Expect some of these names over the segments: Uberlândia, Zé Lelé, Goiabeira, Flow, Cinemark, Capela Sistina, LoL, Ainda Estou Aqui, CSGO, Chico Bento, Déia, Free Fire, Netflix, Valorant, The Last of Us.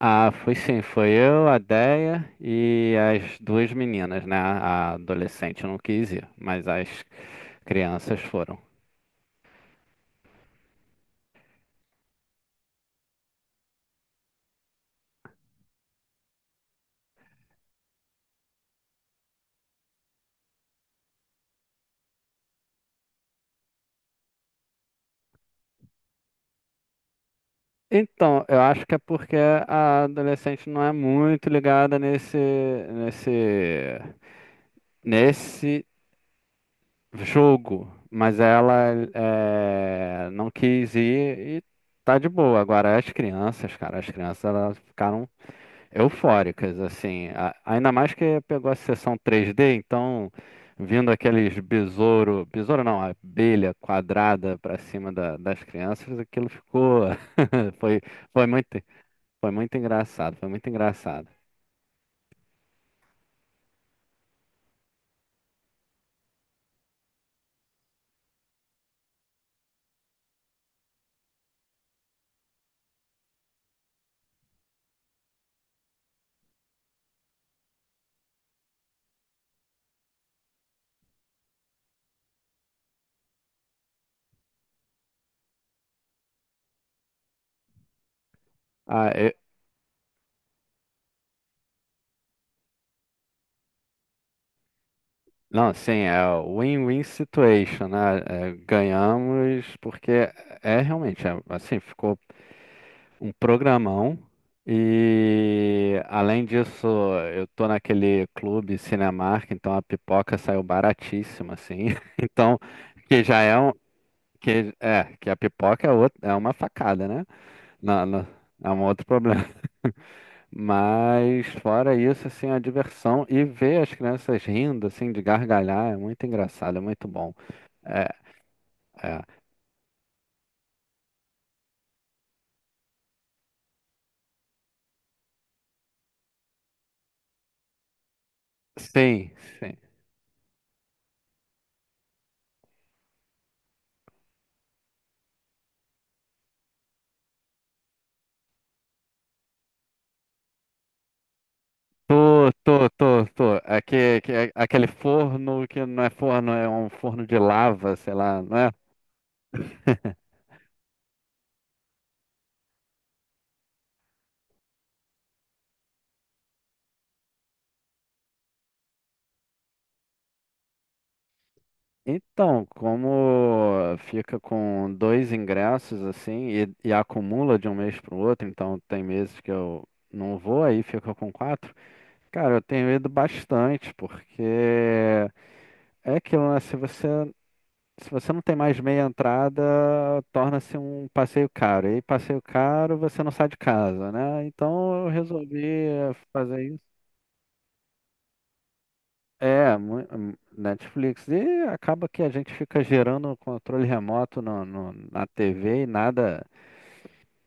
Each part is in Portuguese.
Ah, fui sim, foi eu, a Déia e as duas meninas, né? A adolescente não quis ir, mas as crianças foram. Então, eu acho que é porque a adolescente não é muito ligada nesse jogo, mas ela é, não quis ir e tá de boa. Agora, as crianças, cara, as crianças elas ficaram eufóricas, assim. Ainda mais que pegou a sessão 3D, então vindo aqueles besouro, besouro não, abelha quadrada pra cima das crianças, aquilo ficou foi foi muito foi muito engraçado, foi muito engraçado. Ah, eu- não, sim, é o win-win situation, né? Ganhamos porque é realmente é, assim, ficou um programão. E além disso, eu tô naquele clube Cinemark, então a pipoca saiu baratíssima, assim. Então, que já é um. Que, é, que a pipoca é, outra, é uma facada, né? Não, não, é um outro problema. Mas fora isso, assim, a diversão e ver as crianças rindo, assim, de gargalhar, é muito engraçado, é muito bom. É, é. Sim, sim. Tô. Aquele forno que não é forno, é um forno de lava, sei lá, não é? Então, como fica com dois ingressos assim e acumula de um mês para o outro, então tem meses que eu não vou, aí fica com quatro. Cara, eu tenho ido bastante, porque é aquilo, né? Se você não tem mais meia entrada, torna-se um passeio caro. E passeio caro, você não sai de casa, né? Então eu resolvi fazer isso. É, Netflix. E acaba que a gente fica gerando um controle remoto na TV e nada,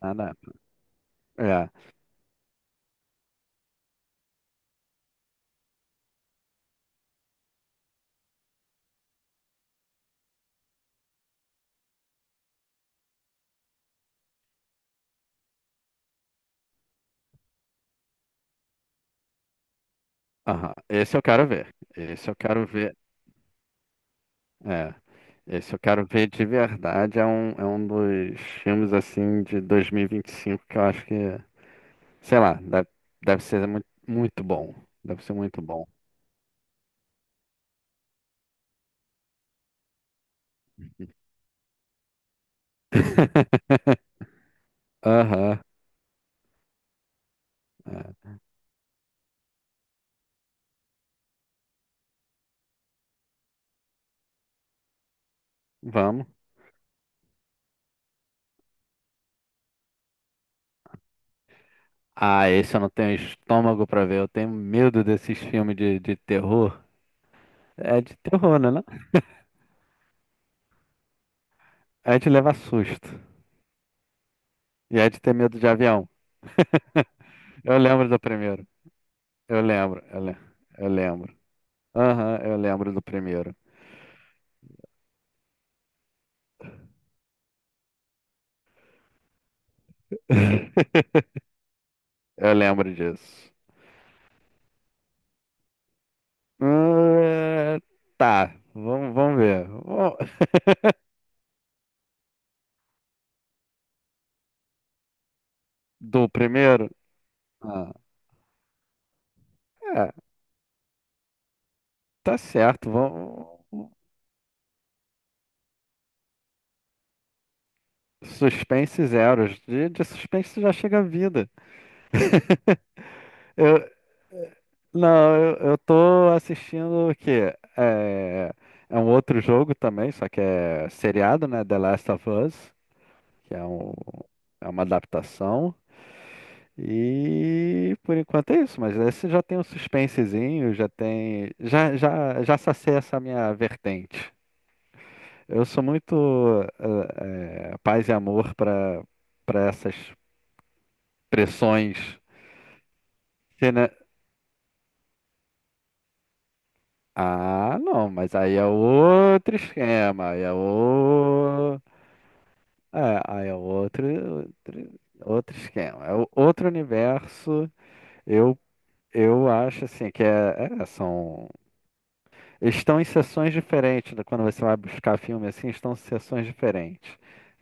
nada. É, aham. Esse eu quero ver. Esse eu quero ver. É. Esse eu quero ver de verdade. É um dos filmes assim de 2025 que eu acho que é. Sei lá, deve ser muito, muito bom. Deve ser muito bom. Aham. É. Vamos. Ah, esse eu não tenho estômago pra ver. Eu tenho medo desses filmes de terror. É de terror, né? Não? É de levar susto. E é de ter medo de avião. Eu lembro do primeiro. Eu lembro. Eu lembro. Aham, eu lembro do primeiro. Eu lembro disso. Ah, tá, vamos, vamos ver. Vamos- Do primeiro? Ah. É, tá certo. Vamos... Suspense zeros. De suspense já chega a vida. Eu, não, eu tô assistindo o quê? É, é um outro jogo também, só que é seriado, né? The Last of Us, que é, um, é uma adaptação. E por enquanto é isso, mas esse já tem um suspensezinho, já tem. Já sacei essa minha vertente. Eu sou muito paz e amor para essas pressões. Você, né? Ah, não, mas aí é outro esquema, aí é o... É, aí outro, outro esquema, é o- outro universo. Eu, eu acho assim que é, são estão em sessões diferentes. Né? Quando você vai buscar filme assim, estão em sessões diferentes,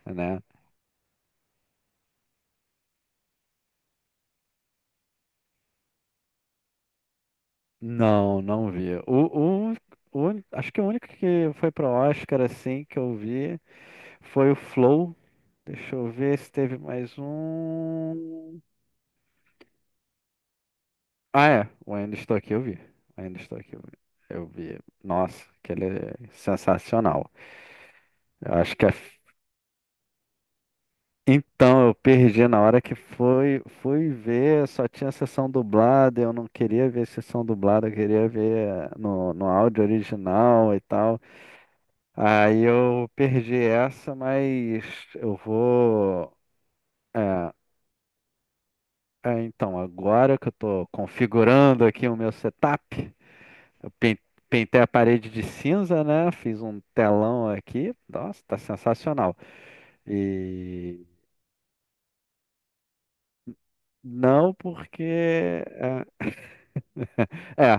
né? Não, não vi. O acho que o único que foi pro Oscar assim que eu vi foi o Flow. Deixa eu ver se teve mais um. Ah, é. O Ainda Estou Aqui eu vi. O Ainda Estou Aqui eu vi. Eu vi. Nossa, aquele é sensacional. Eu acho que é. Então, eu perdi na hora que foi, fui ver, só tinha sessão dublada, eu não queria ver sessão dublada, eu queria ver no, no áudio original e tal. Aí eu perdi essa, mas eu vou. É, é, então, agora que eu tô configurando aqui o meu setup, eu pen- pintei a parede de cinza, né? Fiz um telão aqui. Nossa, tá sensacional. E não porque. É, é,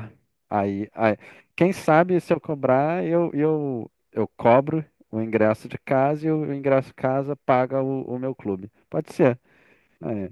aí, aí. Quem sabe se eu cobrar, eu cobro o ingresso de casa e o ingresso casa paga o meu clube. Pode ser. Aí.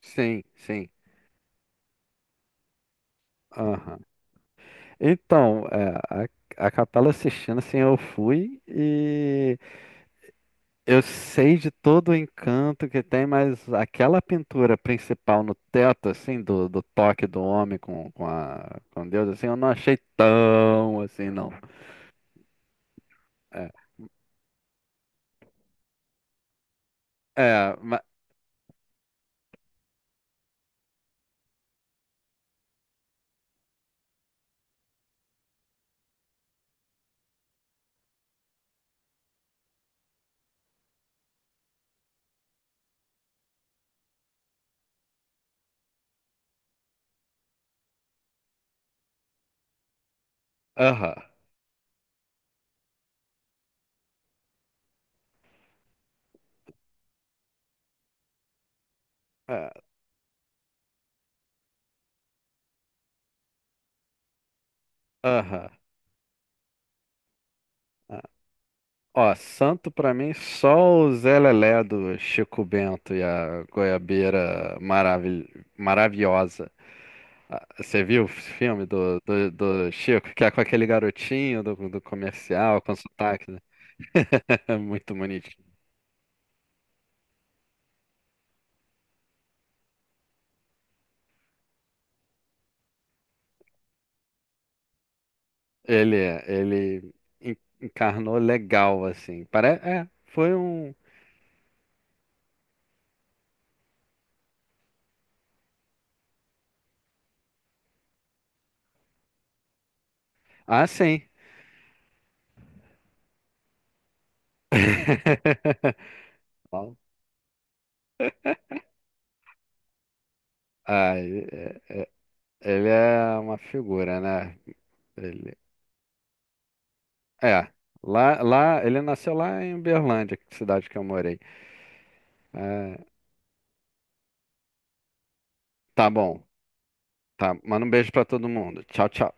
Sim, sim. Aham. Então, é, a Capela Sistina, assim, eu fui e eu sei de todo o encanto que tem, mas aquela pintura principal no teto, assim, do toque do homem com Deus, assim, eu não achei tão assim, não. É, é, ma- aham, é, aham. É. Ó, santo pra mim só o Zé Lelé do Chico Bento e a Goiabeira maravilhosa. Ah, você viu o filme do Chico, que é com aquele garotinho do comercial, com sotaque, né? É muito bonitinho. Ele é, ele encarnou legal, assim. Pare... É, foi um. Ah, sim. Bom, ah, ele é uma figura, né? É, lá, ele nasceu lá em Uberlândia, que cidade que eu morei. É, tá bom, tá. Manda um beijo pra todo mundo. Tchau, tchau.